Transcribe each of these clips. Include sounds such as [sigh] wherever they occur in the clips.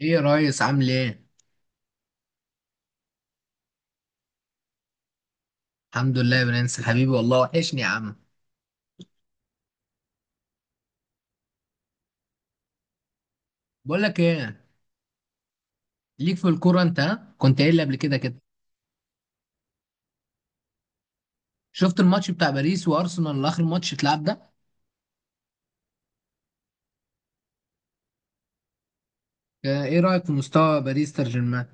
ايه يا ريس، عامل ايه؟ الحمد لله يا برنس حبيبي، والله وحشني يا عم. بقول لك ايه، ليك في الكوره انت ها؟ كنت قايل لي قبل كده كده. شفت الماتش بتاع باريس وارسنال اللي اخر ماتش اتلعب ده؟ ايه رايك في مستوى باريس سان جيرمان؟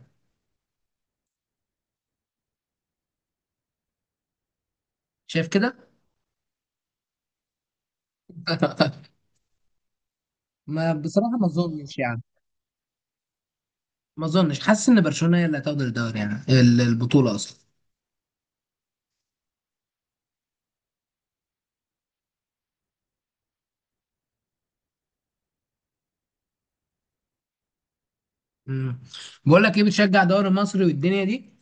شايف كده؟ [laughs] ما بصراحه ما اظنش يعني. ما اظنش، حاسس ان برشلونه هي اللي هتاخد الدوري يعني البطوله اصلا. مم. بقول لك ايه، بتشجع دوري مصري والدنيا دي؟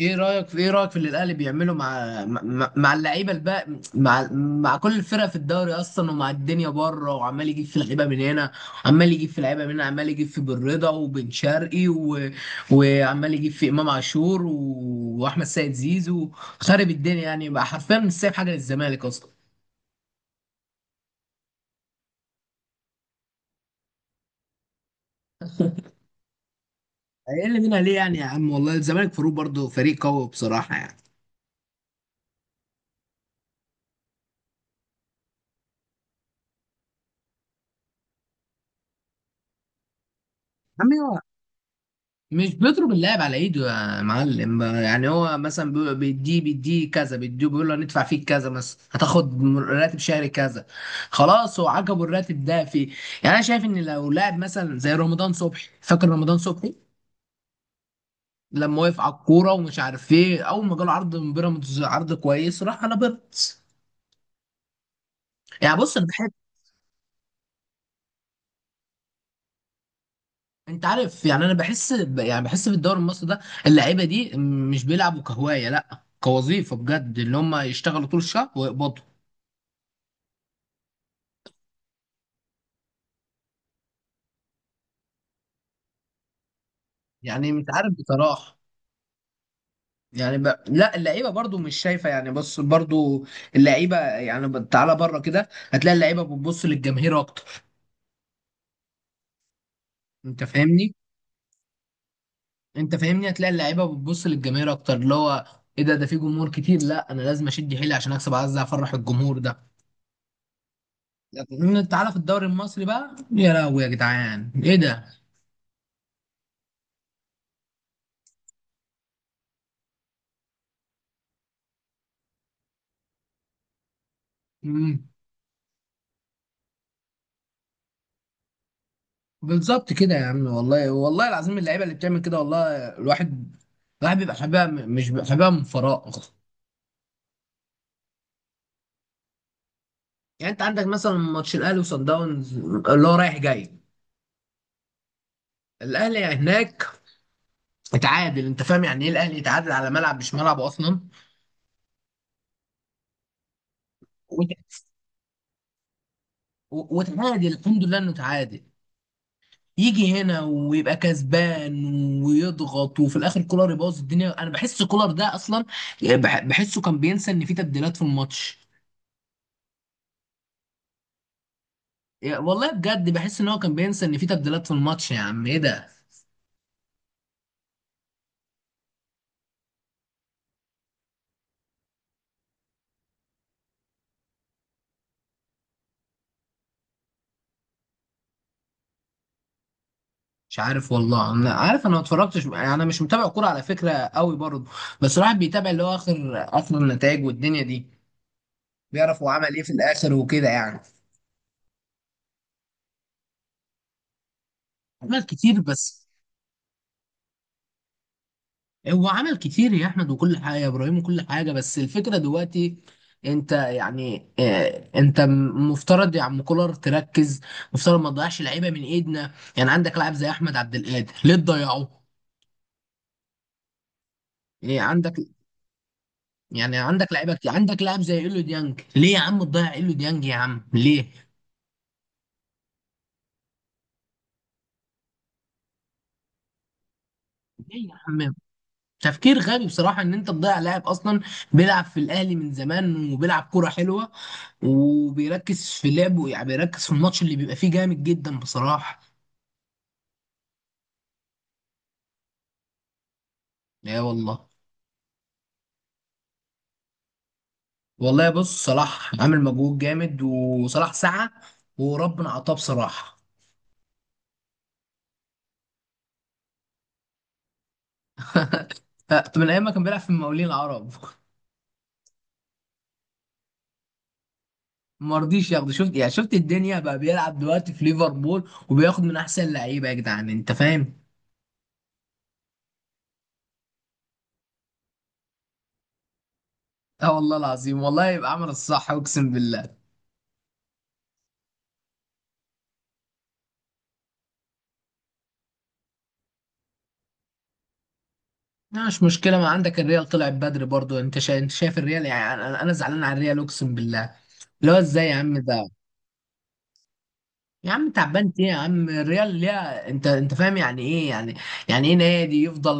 ايه رايك في اللي الاهلي بيعمله مع اللعيبه الباقي مع كل الفرق في الدوري اصلا، ومع الدنيا بره، وعمال يجيب في لعيبه من هنا، عمال يجيب في لعيبه من هنا، عمال يجيب في بن رضا وبن شرقي و وعمال يجيب في امام عاشور و واحمد سيد زيزو. خارب الدنيا يعني بقى حرفيا، مش سايب حاجه للزمالك اصلا. اقل منها ليه يعني يا عم؟ والله الزمالك فاروق برضه فريق قوي بصراحه يعني. عمي، مش بيضرب اللاعب على ايده. يا معلم، يعني هو مثلا بيديه بيديه كذا، بيديه بيقول له هندفع فيك كذا مثلا، هتاخد راتب شهري كذا. خلاص هو عجبه الراتب ده فيه. يعني انا شايف ان لو لاعب مثلا زي رمضان صبحي، فاكر رمضان صبحي؟ لما وقف على الكوره ومش عارف ايه، اول ما جاله عرض من بيراميدز عرض كويس راح على بيراميدز. يعني بص انا بحب، انت عارف؟ يعني انا بحس يعني بحس في الدوري المصري ده، اللعيبه دي مش بيلعبوا كهوايه، لا كوظيفه بجد، اللي هم يشتغلوا طول الشهر ويقبضوا. يعني مش عارف بصراحة. يعني لا، اللعيبة برضو مش شايفة يعني. بص، برضو اللعيبة يعني تعالى بره كده هتلاقي اللعيبة بتبص للجماهير أكتر. أنت فاهمني؟ أنت فاهمني، هتلاقي اللعيبة بتبص للجماهير أكتر، اللي هو إيه ده؟ ده في جمهور كتير، لا أنا لازم أشد حيلي عشان أكسب، عايز أفرح الجمهور ده. لكن تعالى في الدوري المصري بقى، يا لهوي يا جدعان إيه ده؟ مم. بالظبط كده يا عم، والله والله العظيم، اللعيبة اللي بتعمل كده، والله الواحد الواحد بيبقى حبيبها، مش بيبقى حبيبها من فراغ. يعني انت عندك مثلا ماتش الاهلي وصن داونز اللي هو رايح جاي، الاهلي هناك اتعادل، انت فاهم يعني ايه الاهلي يتعادل على ملعب مش ملعبه اصلا؟ وت- وتعادل الحمد لله انه تعادل، يجي هنا ويبقى كسبان ويضغط، وفي الاخر كولر يبوظ الدنيا. انا بحس كولر ده اصلا بحسه كان بينسى ان في تبديلات في الماتش. والله بجد بحس ان هو كان بينسى ان في تبديلات في الماتش، يا عم ايه ده؟ مش عارف والله، انا عارف، انا ما اتفرجتش يعني، انا مش متابع كوره على فكره قوي برضه، بس الواحد بيتابع اللي هو اخر، اخر النتائج والدنيا دي، بيعرف هو عمل ايه في الاخر وكده يعني. عمل كتير بس، هو عمل كتير يا احمد وكل حاجه، يا ابراهيم وكل حاجه، بس الفكره دلوقتي انت يعني انت مفترض يا عم كولر تركز، مفترض ما تضيعش لعيبه من ايدنا. يعني عندك لاعب زي احمد عبد القادر، ليه تضيعه؟ إيه، عندك، يعني عندك لعيبه كتير، عندك لاعب زي ايلو ديانج، ليه يا عم تضيع ايلو ديانج يا عم، ليه؟ ليه يا عم؟ تفكير غبي بصراحه ان انت تضيع لاعب اصلا بيلعب في الاهلي من زمان، وبيلعب كوره حلوه، وبيركز في لعبه، يعني بيركز في الماتش اللي بيبقى فيه جامد جدا بصراحه. لا والله. والله بص، صلاح عامل مجهود جامد، وصلاح سعى وربنا اعطاه بصراحه. من ايام ما كان بيلعب في المقاولين العرب. [laughs] ما رضيش ياخده، شفت يعني؟ شفت الدنيا بقى بيلعب دلوقتي في ليفربول وبياخد من احسن لعيبه، يا جدعان انت فاهم؟ اه والله العظيم، والله يبقى عمل الصح اقسم بالله. لا، مش مشكله، ما عندك الريال طلع بدري برضو، انت انت شايف الريال؟ يعني أنا زعلان على الريال اقسم بالله، اللي هو ازاي يا عم ده؟ يا عم تعبان ايه يا عم الريال ليها؟ انت فاهم يعني ايه يعني؟ يعني ايه نادي يفضل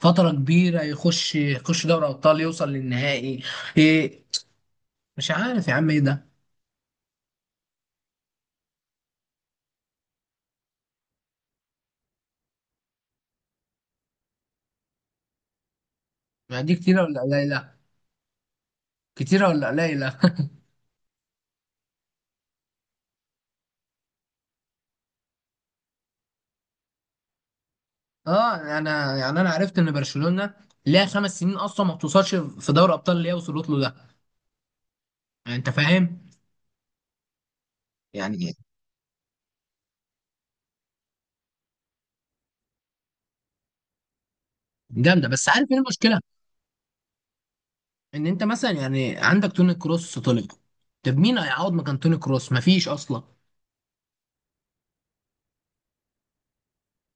فتره كبيره، يخش دوري ابطال يوصل للنهائي؟ ايه؟ مش عارف يا عم ايه ده. يعني دي كتيره ولا قليله؟ كتيرة ولا قليلة؟ [laughs] اه انا يعني، انا عرفت ان برشلونة ليها 5 سنين اصلا ما بتوصلش في دوري ابطال اللي هي وصلت له ده، يعني انت فاهم؟ يعني جامدة، بس عارف ايه المشكلة؟ ان انت مثلا يعني عندك توني كروس طلع، طب مين هيعوض مكان توني كروس؟ مفيش اصلا.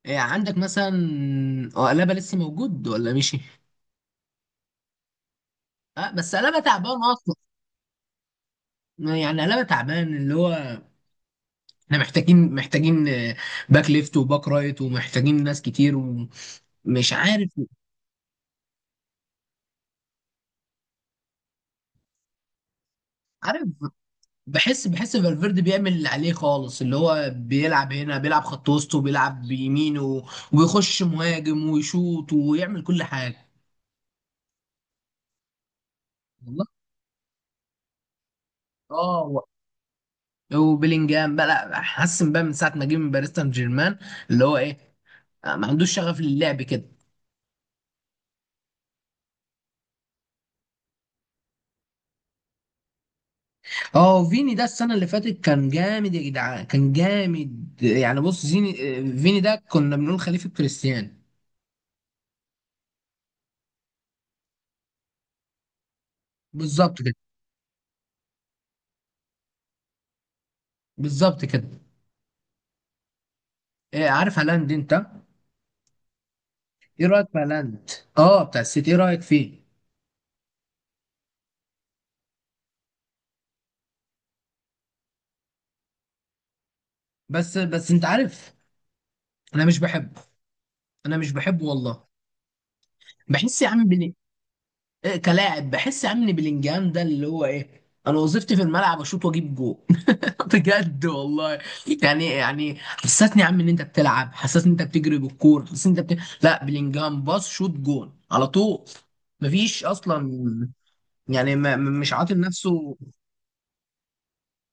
إيه عندك مثلا، هو قلابة لسه موجود ولا مشي؟ اه بس قلابة تعبان اصلا. يعني قلابة تعبان، اللي هو احنا محتاجين، باك ليفت وباك رايت، ومحتاجين ناس كتير ومش عارف. عارف، بحس فالفيردي بيعمل اللي عليه خالص، اللي هو بيلعب هنا، بيلعب خط وسط وبيلعب بيمينه ويخش مهاجم ويشوط ويعمل كل حاجه. والله اه وبيلينجهام بقى لا، حسن بقى من ساعه ما جه من باريس سان جيرمان، اللي هو ايه ما عندوش شغف للعب كده. اه وفيني ده السنه اللي فاتت كان جامد، يا جدعان كان جامد، يعني بص زيني فيني ده كنا بنقول خليفه كريستيانو. بالظبط كده، بالظبط كده. عارف هالاند انت؟ ايه رايك في هالاند، اه بتاع السيتي، ايه رايك فيه؟ بس بس انت عارف، انا مش بحبه، انا مش بحبه والله. بحس يا عم إيه كلاعب، بحس يا عم بلينجهام ده اللي هو ايه، انا وظيفتي في الملعب اشوط واجيب جول، [laughs] بجد والله. يعني حسسني يا عم ان انت بتلعب، حسسني ان انت بتجري بالكوره، حسسني ان انت لا، بلينجهام باص شوط جول على طول، مفيش اصلا. يعني ما مش عاطل نفسه،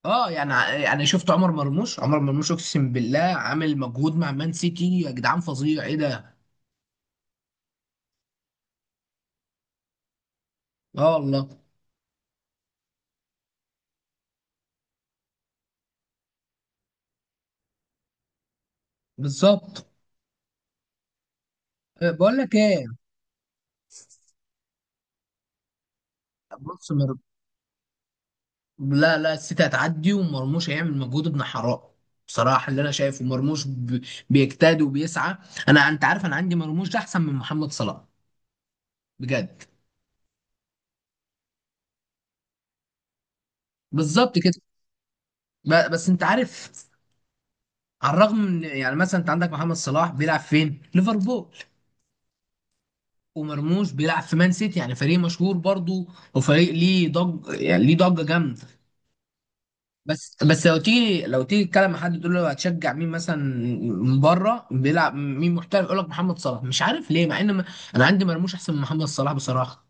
اه يعني. يعني شفت عمر مرموش، عمر مرموش اقسم بالله عامل مجهود مع مان سيتي، يا جدعان فظيع ايه ده. اه والله. بالظبط. بقول لك ايه، بص مر... لا لا السيتي هتعدي، ومرموش هيعمل مجهود ابن حرام بصراحه. اللي انا شايفه مرموش بيجتهد وبيسعى. انا انت عارف، انا عندي مرموش ده احسن من محمد صلاح، بجد. بالظبط كده. بس انت عارف، على الرغم من يعني مثلا انت عندك محمد صلاح، بيلعب فين؟ ليفربول، ومرموش بيلعب في مان سيتي، يعني فريق مشهور برضو، وفريق ليه ضج يعني، ليه ضجه جامده. بس بس لو تيجي تتكلم مع حد تقول له هتشجع مين مثلا، من بره بيلعب مين محترف؟ يقول لك محمد صلاح، مش عارف ليه، مع ان انا عندي مرموش احسن من محمد صلاح بصراحه.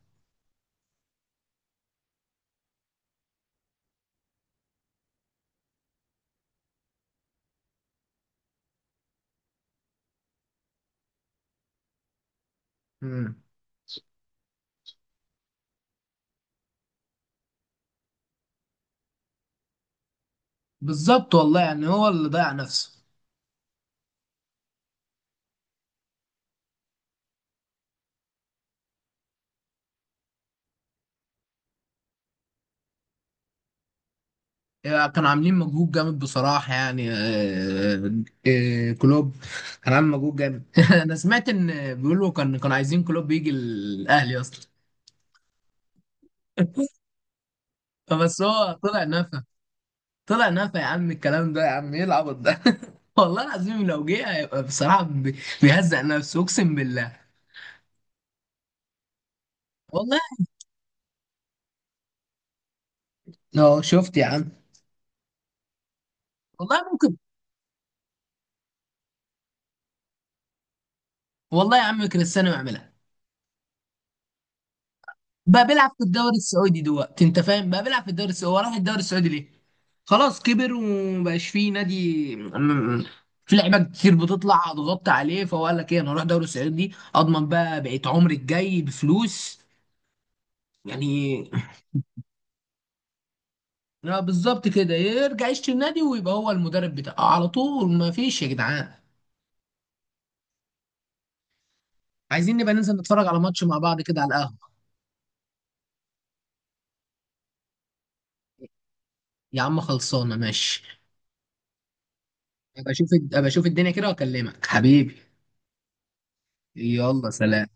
مم. بالظبط والله، يعني هو اللي ضيع نفسه. يعني كانوا عاملين مجهود جامد بصراحه يعني كلوب كان عامل مجهود جامد. [laughs] انا سمعت ان بيقولوا كانوا عايزين كلوب يجي الاهلي اصلا. فبس هو طلع نفى، طلع نفى يا عم الكلام ده، يا عم ايه العبط ده، [laughs] والله العظيم لو جه هيبقى بصراحة بيهزق نفسه اقسم بالله. والله. اه شفت يا عم. والله ممكن، والله يا عم كريستيانو يعملها، بقى بيلعب في الدوري السعودي دلوقتي، انت فاهم، بقى بيلعب في الدوري السعودي، هو راح الدوري السعودي ليه؟ خلاص كبر ومبقاش فيه نادي في لعيبه كتير بتطلع هتغطي عليه، فهو قال لك ايه، انا اروح دوري السعودي اضمن بقى بقيت عمري الجاي بفلوس يعني. لا بالظبط كده، يرجع يشتري النادي ويبقى هو المدرب بتاعه على طول، ما فيش يا جدعان. عايزين نبقى ننزل نتفرج على ماتش مع بعض كده على القهوة. يا عم خلصانة ماشي. ابقى اشوف ابقى اشوف الدنيا كده واكلمك حبيبي. يلا سلام.